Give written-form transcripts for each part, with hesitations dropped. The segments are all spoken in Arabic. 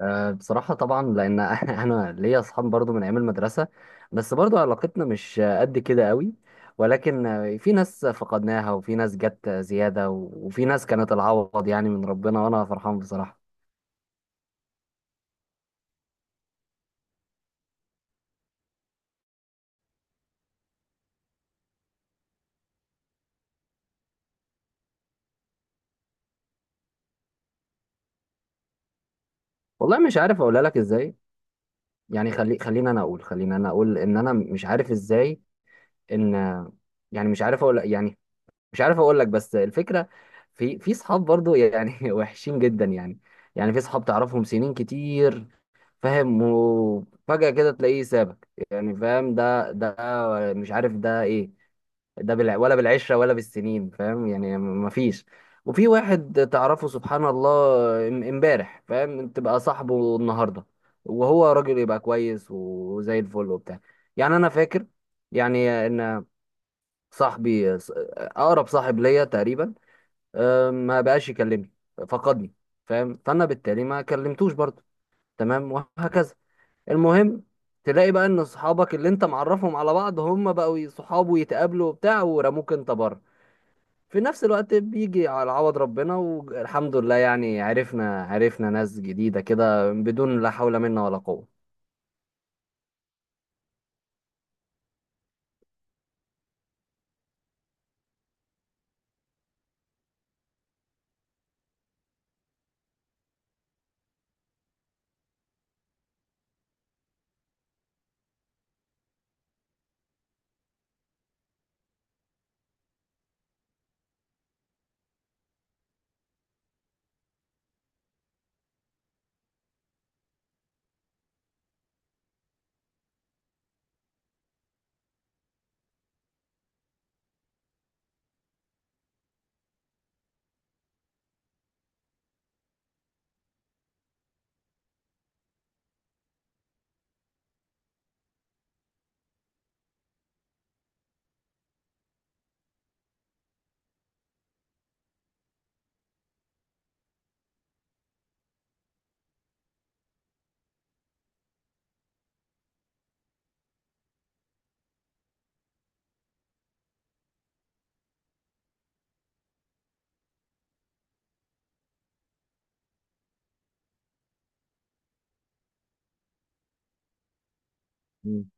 أه، بصراحة طبعا، لأن أنا ليا أصحاب برضو من أيام المدرسة، بس برضو علاقتنا مش قد كده قوي. ولكن في ناس فقدناها، وفي ناس جت زيادة، وفي ناس كانت العوض يعني من ربنا، وأنا فرحان بصراحة. والله مش عارف أقولها لك إزاي. يعني خلينا أنا أقول، إن أنا مش عارف إزاي. إن، يعني مش عارف أقول لك، بس الفكرة في صحاب برضو يعني وحشين جدا يعني. يعني في صحاب تعرفهم سنين كتير، فاهم، وفجأة كده تلاقيه سابك يعني، فاهم. ده مش عارف ده ايه. ده ولا بالعشرة ولا بالسنين، فاهم يعني. مفيش. وفي واحد تعرفه سبحان الله، امبارح فاهم تبقى صاحبه النهارده، وهو راجل يبقى كويس وزي الفل وبتاع. يعني انا فاكر يعني ان صاحبي اقرب صاحب ليا تقريبا، ما بقاش يكلمني، فقدني، فاهم. فانا بالتالي ما كلمتوش برضه، تمام، وهكذا. المهم، تلاقي بقى ان صحابك اللي انت معرفهم على بعض هم بقوا صحاب ويتقابلوا وبتاع، ورموك انت بره. في نفس الوقت بيجي على عوض ربنا والحمد لله. يعني عرفنا ناس جديدة كده بدون لا حول منا ولا قوة. مم.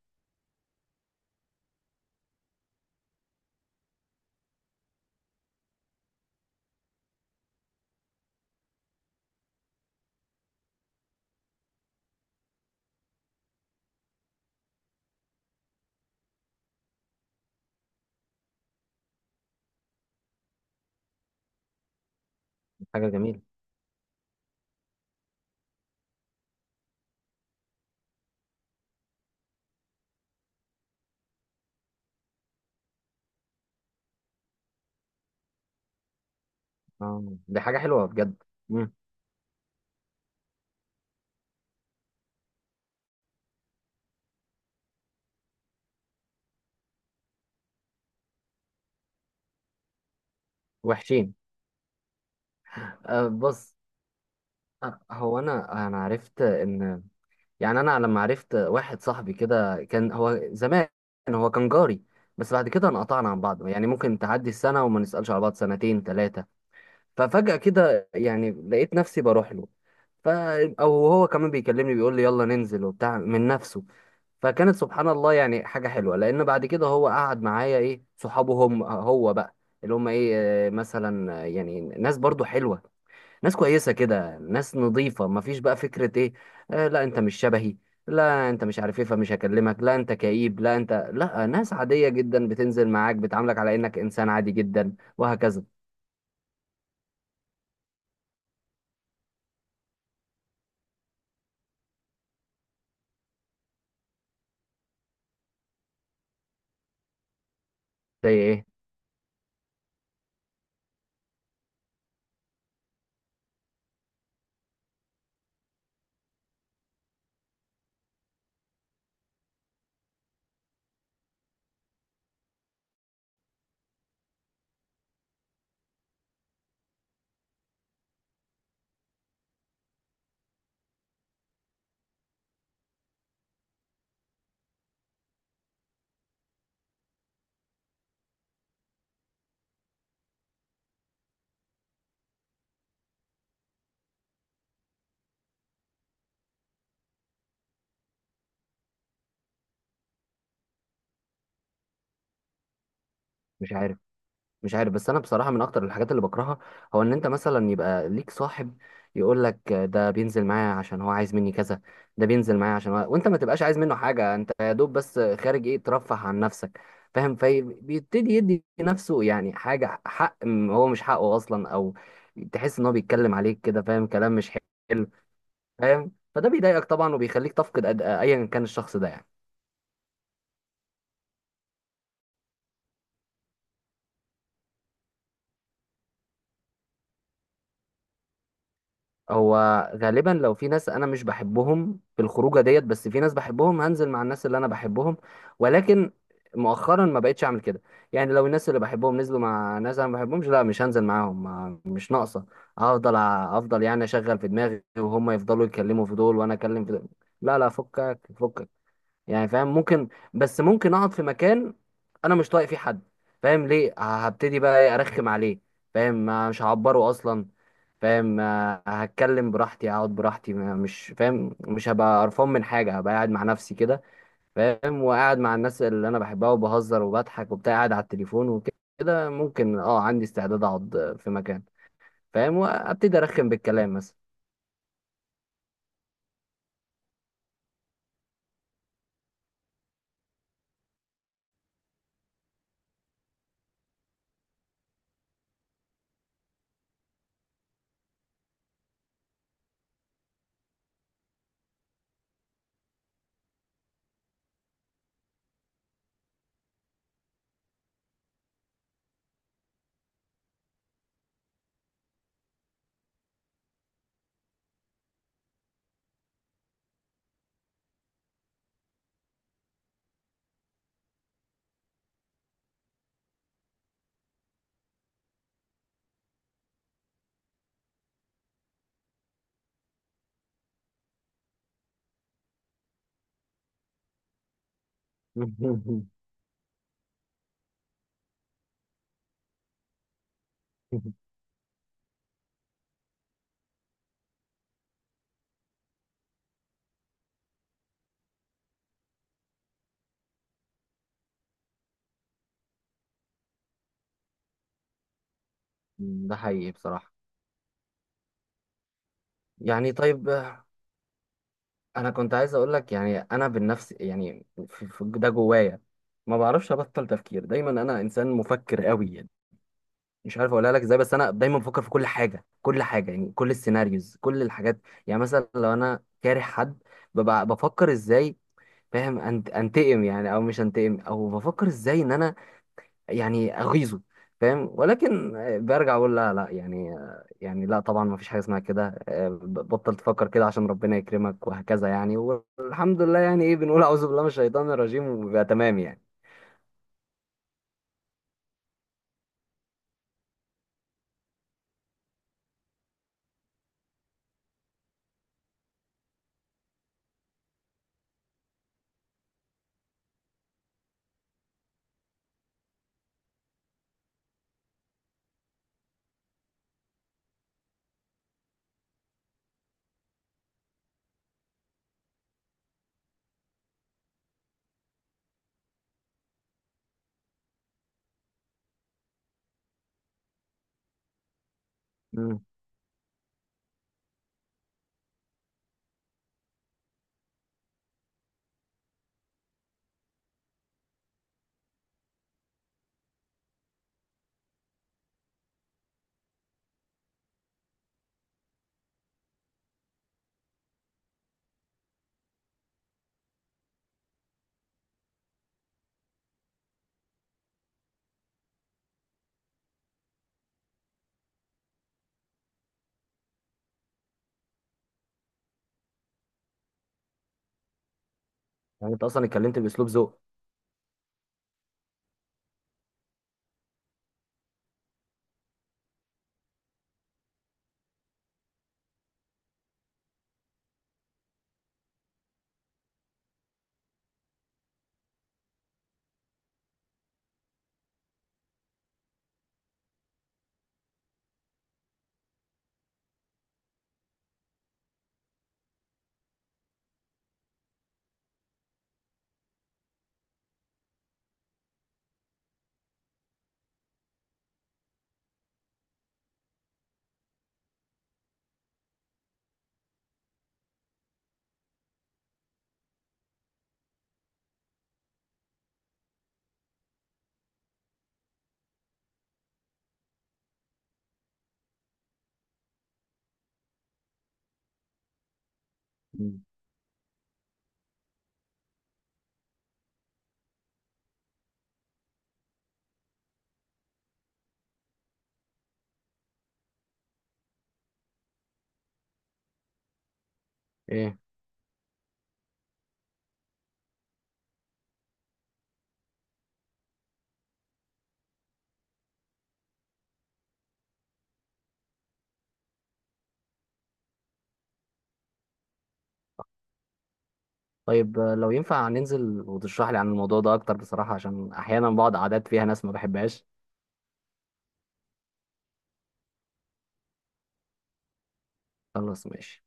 حاجة جميلة. اه، دي حاجة حلوة بجد. مم. وحشين. أه، بص. هو انا عرفت ان، يعني انا لما عرفت واحد صاحبي كده، كان هو زمان هو كان جاري، بس بعد كده انقطعنا عن بعض. يعني ممكن تعدي السنة وما نسألش على بعض، سنتين ثلاثة. ففجأة كده يعني لقيت نفسي بروح له، ف او هو كمان بيكلمني بيقول لي يلا ننزل وبتاع من نفسه. فكانت سبحان الله يعني حاجة حلوة، لأن بعد كده هو قعد معايا إيه، صحابه هم هو بقى، اللي هم إيه، مثلا، يعني ناس برضو حلوة، ناس كويسة كده، ناس نظيفة، مفيش بقى فكرة ايه، لا انت مش شبهي، لا انت مش عارف ايه فمش هكلمك، لا انت كئيب، لا انت، لا. ناس عادية جدا بتنزل معاك، بتعاملك على انك انسان عادي جدا، وهكذا. زي ايه؟ مش عارف مش عارف، بس انا بصراحه من اكتر الحاجات اللي بكرهها، هو ان انت مثلا يبقى ليك صاحب يقول لك ده بينزل معايا عشان هو عايز مني كذا، ده بينزل معايا عشان وانت ما تبقاش عايز منه حاجه. انت يا دوب بس خارج، ايه، ترفه عن نفسك، فاهم. فبيبتدي يدي نفسه يعني حاجه حق، هو مش حقه اصلا. او تحس ان هو بيتكلم عليك كده، فاهم، كلام مش حلو. فاهم، فده بيضايقك طبعا، وبيخليك تفقد ايا كان الشخص ده يعني. هو غالبا، لو في ناس انا مش بحبهم في الخروجه ديت، بس في ناس بحبهم، هنزل مع الناس اللي انا بحبهم. ولكن مؤخرا ما بقتش اعمل كده. يعني لو الناس اللي بحبهم نزلوا مع ناس انا ما بحبهمش، لا، مش هنزل معاهم. مش ناقصه. هفضل افضل يعني اشغل في دماغي وهم يفضلوا يتكلموا في دول وانا اكلم في دول، لا لا، فكك فكك. يعني فاهم ممكن، بس ممكن اقعد في مكان انا مش طايق فيه حد، فاهم ليه. هبتدي بقى إيه، ارخم عليه؟ فاهم، مش هعبره اصلا، فاهم. هتكلم براحتي، اقعد براحتي، مش، فاهم، مش هبقى قرفان من حاجه، هبقى قاعد مع نفسي كده، فاهم، وقاعد مع الناس اللي انا بحبها، وبهزر وبضحك وبتاع، قاعد على التليفون وكده. ممكن، اه، عندي استعداد اقعد في مكان، فاهم، وابتدي ارخم بالكلام مثلا. ده حقيقي بصراحه. يعني طيب، انا كنت عايز اقول لك، يعني انا بالنفس يعني، في ده جوايا ما بعرفش ابطل تفكير. دايما انا انسان مفكر قوي يعني. مش عارف اقولها لك ازاي، بس انا دايما بفكر في كل حاجه، كل حاجه، يعني كل السيناريوز، كل الحاجات. يعني مثلا لو انا كاره حد، ببقى بفكر ازاي، فاهم، أنت انتقم يعني، او مش انتقم، او بفكر ازاي ان انا يعني اغيظه، فاهم. ولكن برجع اقول لا لا، يعني، يعني لا طبعا، ما فيش حاجه اسمها كده. بطل تفكر كده عشان ربنا يكرمك، وهكذا يعني. والحمد لله، يعني ايه، بنقول اعوذ بالله من الشيطان الرجيم، وبيبقى تمام يعني. مم. يعني انت اصلا اتكلمت باسلوب ذوق. مم. ايه. طيب، لو ينفع ننزل وتشرح لي عن الموضوع ده اكتر بصراحه، عشان احيانا بعض عادات فيها ناس ما بحبهاش. خلاص، ماشي.